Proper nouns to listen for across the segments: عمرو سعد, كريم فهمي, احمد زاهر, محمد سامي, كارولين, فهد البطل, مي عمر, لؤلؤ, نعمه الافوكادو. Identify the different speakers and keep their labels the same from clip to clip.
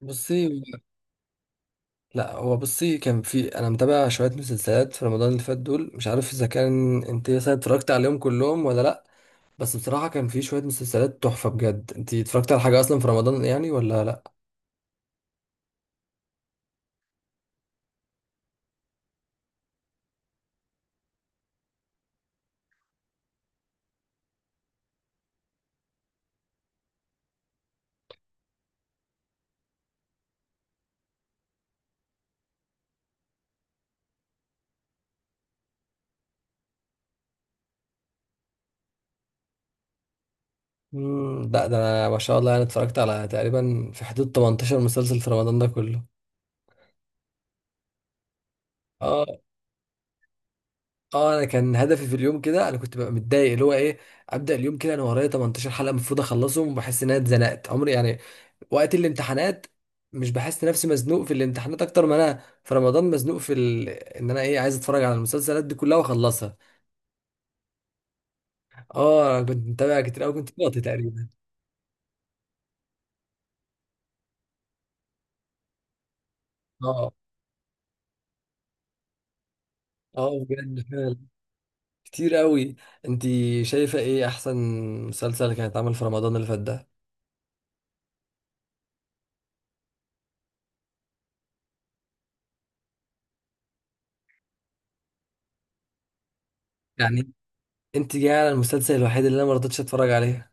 Speaker 1: بصي. لا، هو بصي، كان في انا متابع شويه مسلسلات في رمضان اللي فات دول. مش عارف اذا كان انت مثلا اتفرجت عليهم كلهم ولا لا. بس بصراحه كان في شويه مسلسلات تحفه بجد. انت اتفرجت على حاجه اصلا في رمضان يعني ولا لا؟ لا، ده انا ما شاء الله انا اتفرجت على تقريبا في حدود 18 مسلسل في رمضان ده كله. اه. اه انا كان هدفي في اليوم كده، انا كنت ببقى متضايق اللي هو ايه. ابدا اليوم كده انا ورايا 18 حلقه المفروض اخلصهم، وبحس ان انا اتزنقت عمري يعني وقت الامتحانات. مش بحس نفسي مزنوق في الامتحانات اكتر ما انا في رمضان مزنوق ان انا ايه عايز اتفرج على المسلسلات دي كلها واخلصها. اه انا كنت متابع كتير قوي، كنت فاضي تقريبا. اه اه بجد فعلا، كتير قوي. انت شايفه ايه احسن مسلسل كان اتعمل في رمضان اللي فات ده؟ يعني انت جايه على المسلسل الوحيد اللي انا ما رضيتش اتفرج عليه.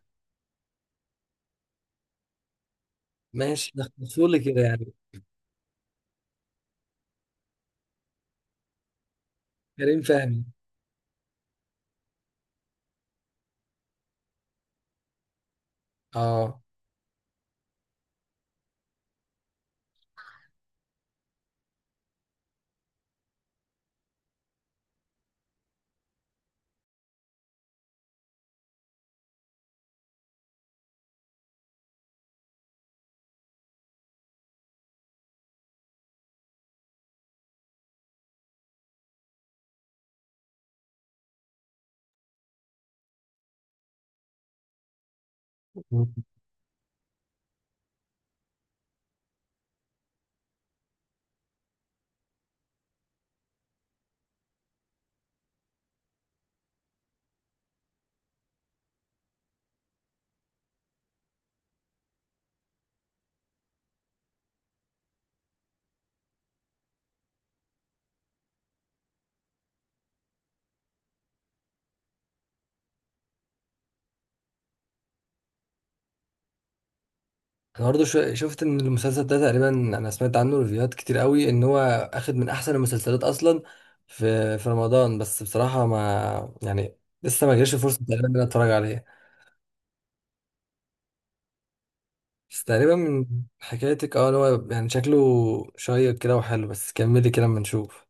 Speaker 1: ماشي، نخلصه لي كده يعني. كريم فهمي. اه انا برضه شفت ان المسلسل ده تقريبا انا سمعت عنه ريفيوهات كتير قوي، ان هو اخد من احسن المسلسلات اصلا في رمضان. بس بصراحه ما يعني، لسه ما جاش فرصه تقريبا ان انا اتفرج عليه. بس تقريبا من حكايتك اه، إن هو يعني شكله شيق كده وحلو. بس كملي كده اما نشوف.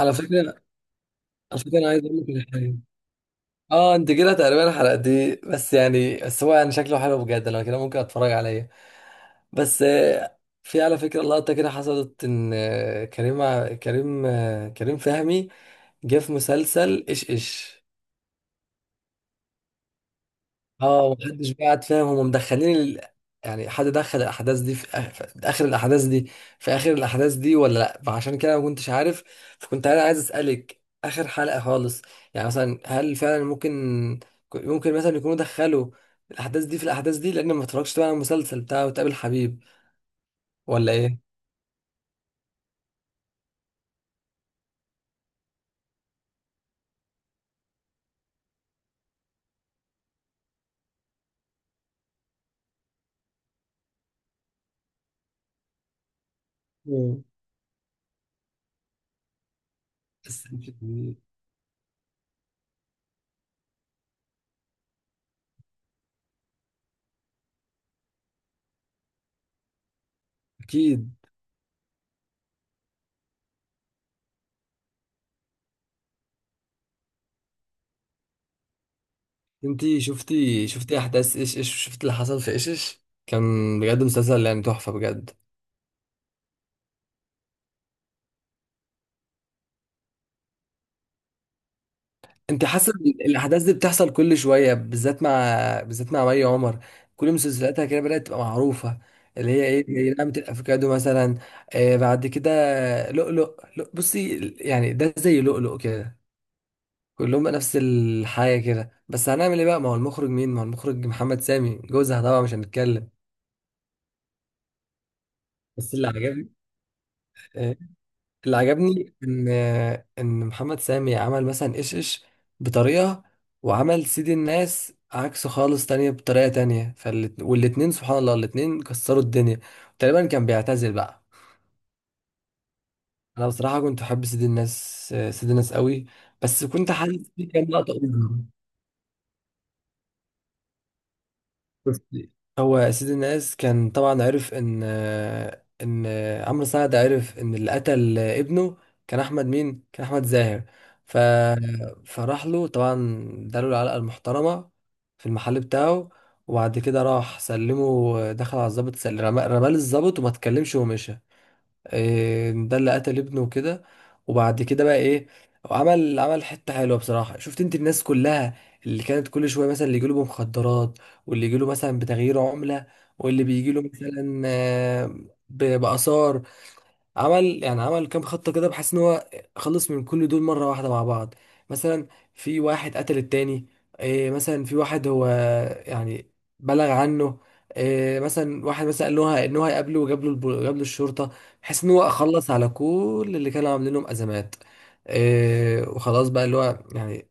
Speaker 1: على فكره على فكره انا عايز اقول لك على حاجه. اه انت كده تقريبا الحلقه دي، بس يعني بس هو يعني شكله حلو بجد، لو كده ممكن اتفرج عليه. بس في على فكرة لقطة كده حصلت إن آه، كريم ع- كريم آه، كريم فهمي جه في مسلسل إيش إيش. اه محدش بقى قاعد فاهم، هما مدخلين يعني حد دخل الأحداث دي في آخر الأحداث دي ولا لأ؟ فعشان كده ما كنتش عارف. فكنت أنا عايز أسألك آخر حلقة خالص، يعني مثلا هل فعلا ممكن مثلا يكونوا دخلوا الأحداث دي؟ لأن ما اتفرجتش طبعا على المسلسل بتاعه وتقابل حبيب. ولا إيه؟ مم. بس اكيد، انتي شفتي احداث ايش ايش؟ شفتي اللي حصل في ايش ايش كان؟ بجد مسلسل يعني تحفه بجد. انت حاسه إن الاحداث دي بتحصل كل شويه بالذات مع مي عمر. كل مسلسلاتها كده بدات تبقى معروفه، اللي هي ايه زي نعمه الافوكادو مثلا. بعد كده لؤلؤ، بصي يعني ده زي لؤلؤ كده. كلهم بقى نفس الحاجه كده، بس هنعمل ايه بقى؟ ما هو المخرج مين؟ ما هو المخرج محمد سامي جوزها، طبعا مش هنتكلم. بس اللي عجبني، آه، اللي عجبني ان ان محمد سامي عمل مثلا ايش ايش بطريقه، وعمل سيد الناس عكسه خالص، تانية بطريقه تانية. والاتنين سبحان الله الاتنين كسروا الدنيا. تقريبا كان بيعتزل بقى. انا بصراحه كنت احب سيد الناس، سيد الناس قوي. بس كنت حاسس في كام لقطه. بس هو سيد الناس كان طبعا عرف ان عمرو سعد عرف ان اللي قتل ابنه كان احمد مين؟ كان احمد زاهر. ف فراح له طبعا، اداله العلقه المحترمه في المحل بتاعه. وبعد كده راح سلمه، دخل على الضابط، سل- رمى رماه للضابط وما اتكلمش ومشى. إيه، ده اللي قتل ابنه وكده. وبعد كده بقى ايه، عمل حته حلوه بصراحه. شفت انت الناس كلها اللي كانت كل شويه، مثلا اللي يجيله بمخدرات، واللي يجيله مثلا بتغيير عمله، واللي بيجيله مثلا باثار، عمل يعني عمل كام خطة كده، بحيث ان هو خلص من كل دول مرة واحدة مع بعض. مثلا في واحد قتل التاني، إيه مثلا في واحد هو يعني بلغ عنه، إيه مثلا واحد مثلا قال له ان هو هيقابله وجاب له الب- جاب له الشرطة، بحيث ان هو خلص على كل اللي كانوا عاملين لهم ازمات. إيه وخلاص بقى اللي هو يعني،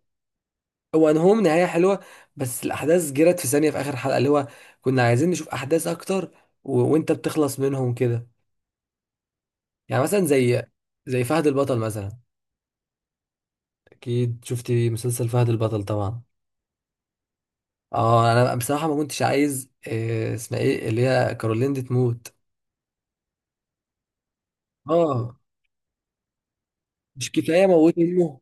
Speaker 1: هو انهم نهاية حلوة. بس الاحداث جرت في ثانية في اخر حلقة، اللي هو كنا عايزين نشوف احداث اكتر، و... وانت بتخلص منهم كده. يعني مثلا زي فهد البطل مثلا. اكيد شفتي مسلسل فهد البطل طبعا. اه انا بصراحه ما كنتش عايز إيه اسمها ايه، اللي هي كارولين دي، تموت. اه مش كفايه موت امه؟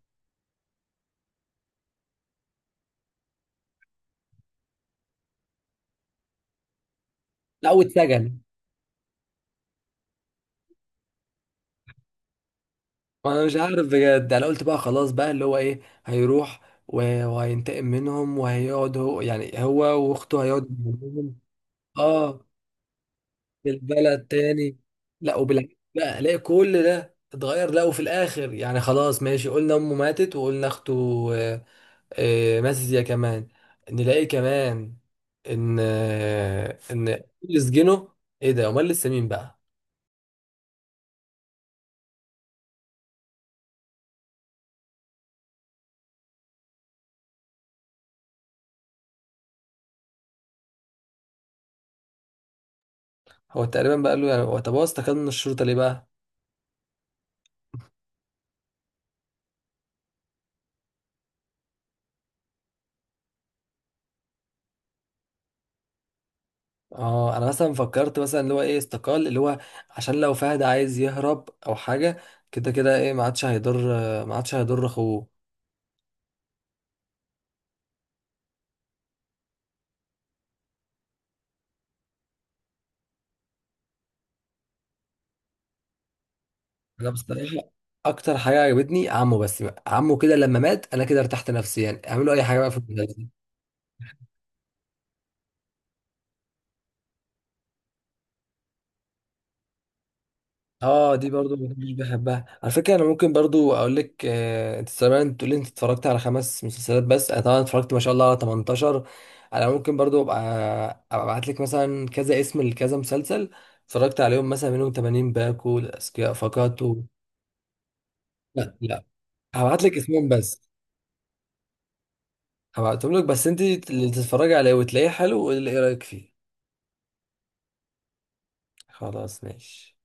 Speaker 1: لا واتسجن. انا مش عارف بجد، انا قلت بقى خلاص بقى اللي هو ايه، هيروح وهينتقم منهم، وهيقعد هو يعني هو واخته هيقعد منهم. اه بالبلد تاني. لا وبالعكس بقى الاقي كل ده اتغير. لا وفي الاخر يعني خلاص ماشي، قلنا امه ماتت، وقلنا اخته آه، ماتت هي كمان. نلاقي كمان ان اللي سجنه، ايه ده؟ امال لسه مين بقى؟ هو تقريبا بقى قال له يعني، هو طب هو استقال من الشرطه ليه بقى؟ اه انا مثلا فكرت مثلا اللي هو ايه، استقال اللي هو عشان لو فهد عايز يهرب او حاجه، كده كده ايه ما عادش هيضر اخوه. انا بصراحه اكتر حاجه عجبتني عمه، بس بقى. عمه كده لما مات انا كده ارتحت نفسيا، اعملوا اي حاجه بقى في المسلسل. اه دي برضو ما كنتش بحبها على فكره. انا ممكن برضو اقول لك، انت زمان تقول لي انت اتفرجت على خمس مسلسلات بس، انا طبعا اتفرجت ما شاء الله على 18. انا ممكن برضو ابقى ابعت لك مثلا كذا اسم لكذا مسلسل اتفرجت عليهم، مثلا منهم 80 باكو الاذكياء فقط لا لا، هبعت لك اسمهم بس. هبعتهم لك بس انت اللي تتفرجي عليه وتلاقيه حلو، واللي ايه رايك فيه. خلاص ماشي.